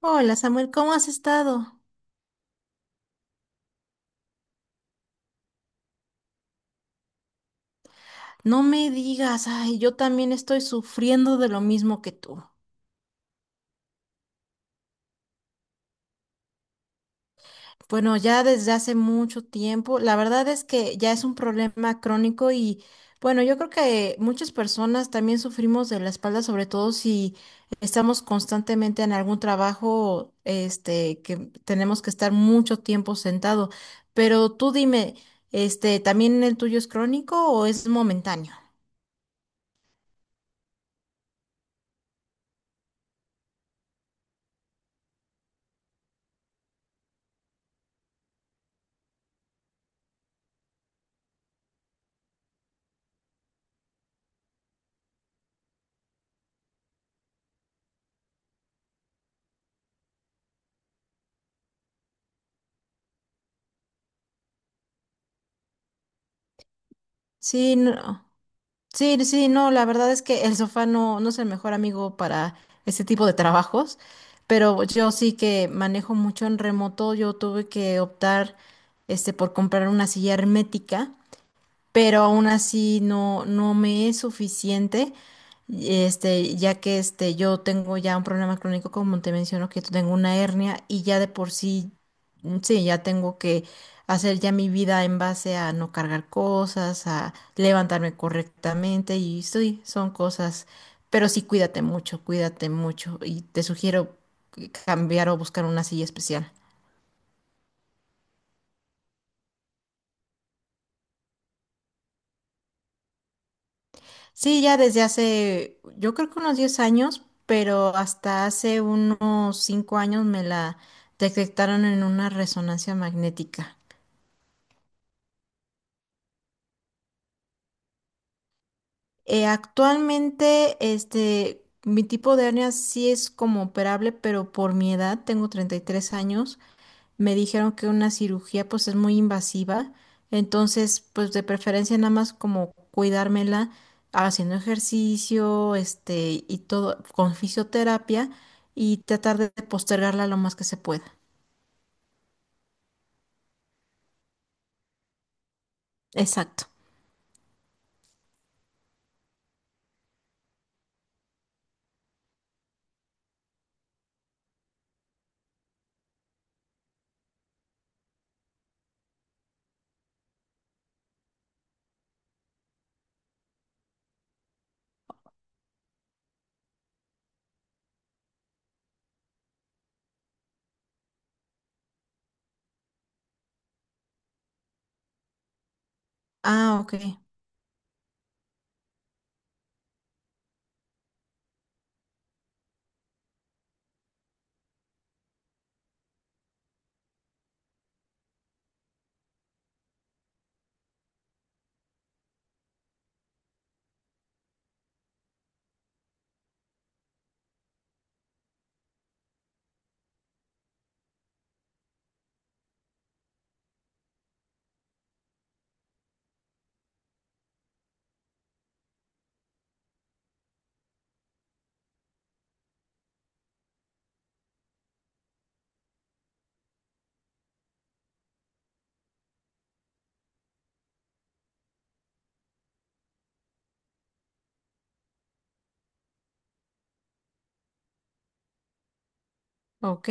Hola Samuel, ¿cómo has estado? No me digas, ay, yo también estoy sufriendo de lo mismo que tú. Bueno, ya desde hace mucho tiempo, la verdad es que ya es un problema crónico y bueno, yo creo que muchas personas también sufrimos de la espalda, sobre todo si estamos constantemente en algún trabajo, que tenemos que estar mucho tiempo sentado. Pero tú dime, ¿también el tuyo es crónico o es momentáneo? Sí, no. Sí, sí, no, la verdad es que el sofá no, no es el mejor amigo para este tipo de trabajos, pero yo sí que manejo mucho en remoto, yo tuve que optar por comprar una silla hermética, pero aún así no, no me es suficiente, ya que yo tengo ya un problema crónico, como te menciono, que tengo una hernia y ya de por sí, mm, sí, ya tengo que hacer ya mi vida en base a no cargar cosas, a levantarme correctamente y sí, son cosas, pero sí cuídate mucho y te sugiero cambiar o buscar una silla especial. Sí, ya desde hace, yo creo que unos 10 años, pero hasta hace unos 5 años me la detectaron en una resonancia magnética. Actualmente, mi tipo de hernia sí es como operable, pero por mi edad, tengo 33 años, me dijeron que una cirugía pues es muy invasiva, entonces pues de preferencia nada más como cuidármela haciendo ejercicio, y todo con fisioterapia y tratar de postergarla lo más que se pueda. Exacto. Ah, ok, ok.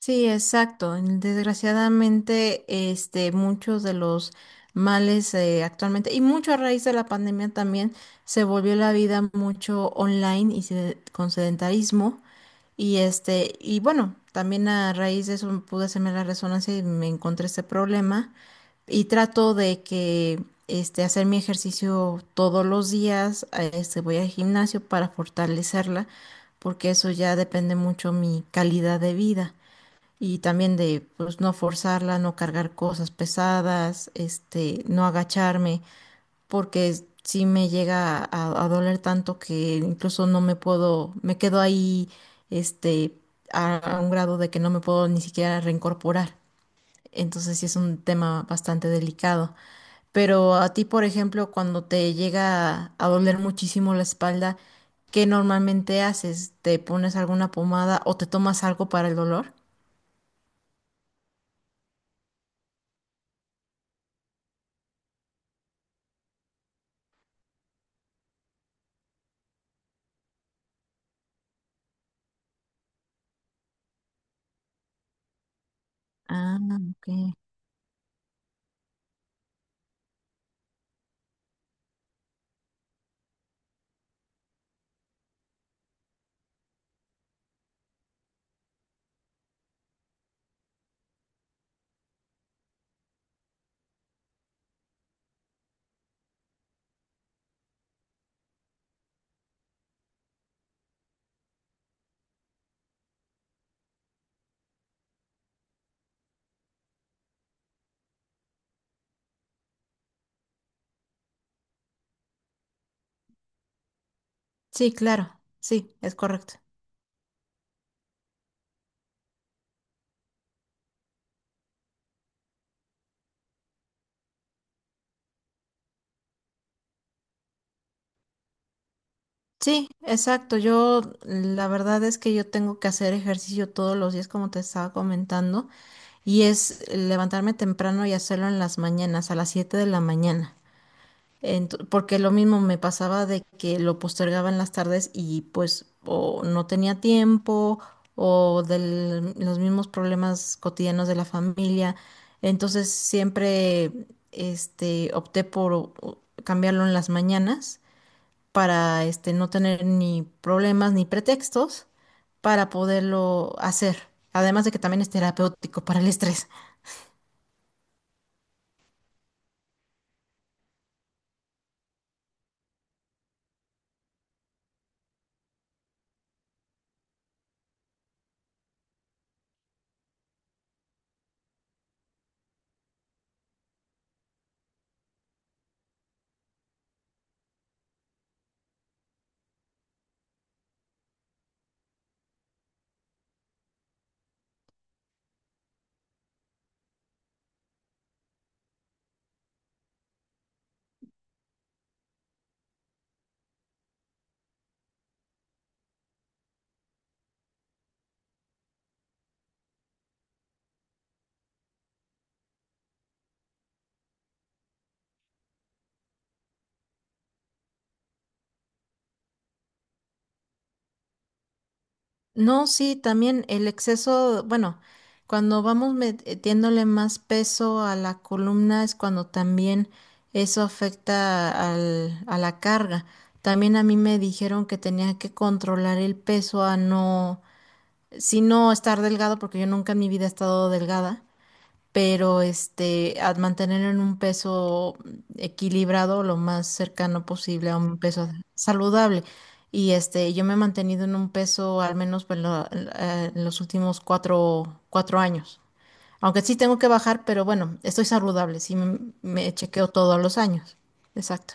Sí, exacto. Desgraciadamente, muchos de los males actualmente, y mucho a raíz de la pandemia también, se volvió la vida mucho online y con sedentarismo. Y y bueno, también a raíz de eso pude hacerme la resonancia y me encontré este problema. Y trato de que hacer mi ejercicio todos los días, voy al gimnasio para fortalecerla, porque eso ya depende mucho mi calidad de vida. Y también de pues no forzarla, no cargar cosas pesadas, no agacharme porque si me llega a doler tanto que incluso no me puedo, me quedo ahí, este, a un grado de que no me puedo ni siquiera reincorporar. Entonces sí es un tema bastante delicado. Pero a ti, por ejemplo, cuando te llega a doler muchísimo la espalda, ¿qué normalmente haces? ¿Te pones alguna pomada o te tomas algo para el dolor? Ah, ok. Sí, claro, sí, es correcto. Sí, exacto. Yo, la verdad es que yo tengo que hacer ejercicio todos los días, como te estaba comentando, y es levantarme temprano y hacerlo en las mañanas, a las 7 de la mañana. Porque lo mismo me pasaba de que lo postergaba en las tardes y pues o no tenía tiempo o de los mismos problemas cotidianos de la familia. Entonces siempre opté por cambiarlo en las mañanas para no tener ni problemas ni pretextos para poderlo hacer. Además de que también es terapéutico para el estrés. No, sí, también el exceso, bueno, cuando vamos metiéndole más peso a la columna es cuando también eso afecta a la carga. También a mí me dijeron que tenía que controlar el peso a no, si no estar delgado, porque yo nunca en mi vida he estado delgada. Pero a mantener en un peso equilibrado lo más cercano posible a un peso saludable. Y yo me he mantenido en un peso al menos pues, en los últimos cuatro años. Aunque sí tengo que bajar, pero bueno, estoy saludable, sí me chequeo todos los años. Exacto.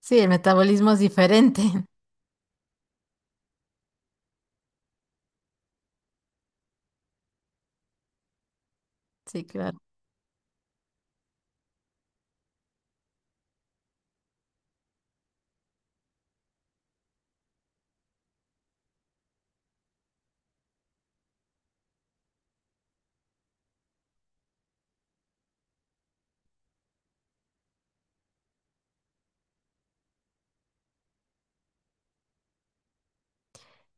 Sí, el metabolismo es diferente. Sí, claro.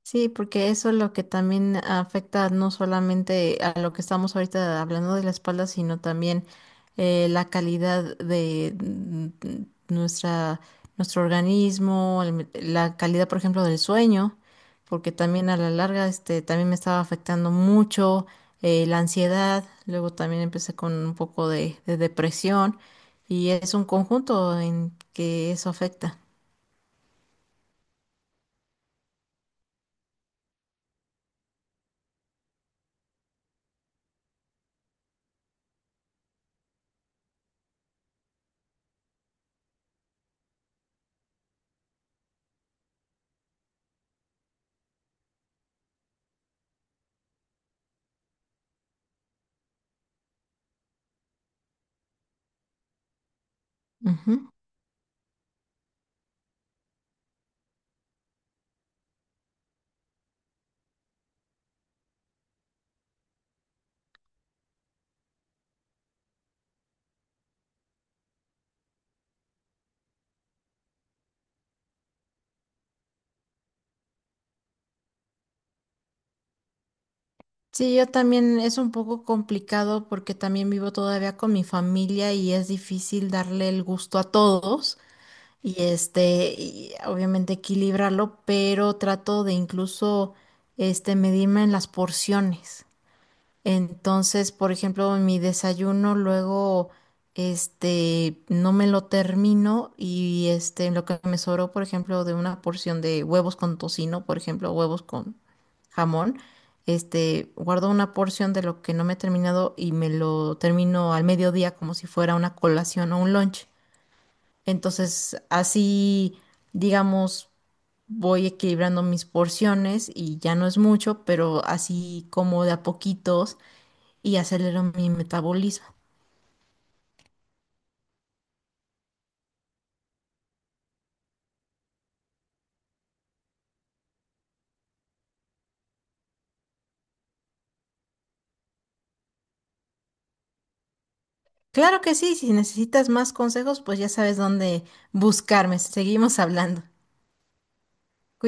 Sí, porque eso es lo que también afecta no solamente a lo que estamos ahorita hablando de la espalda, sino también la calidad de nuestra, nuestro organismo, la calidad, por ejemplo, del sueño, porque también a la larga también me estaba afectando mucho la ansiedad, luego también empecé con un poco de depresión y es un conjunto en que eso afecta. Sí, yo también es un poco complicado porque también vivo todavía con mi familia y es difícil darle el gusto a todos y y obviamente equilibrarlo, pero trato de incluso medirme en las porciones. Entonces, por ejemplo, mi desayuno luego, no me lo termino y lo que me sobró, por ejemplo, de una porción de huevos con tocino, por ejemplo, huevos con jamón, guardo una porción de lo que no me he terminado y me lo termino al mediodía como si fuera una colación o un lunch. Entonces, así, digamos, voy equilibrando mis porciones y ya no es mucho, pero así como de a poquitos y acelero mi metabolismo. Claro que sí, si necesitas más consejos, pues ya sabes dónde buscarme. Seguimos hablando.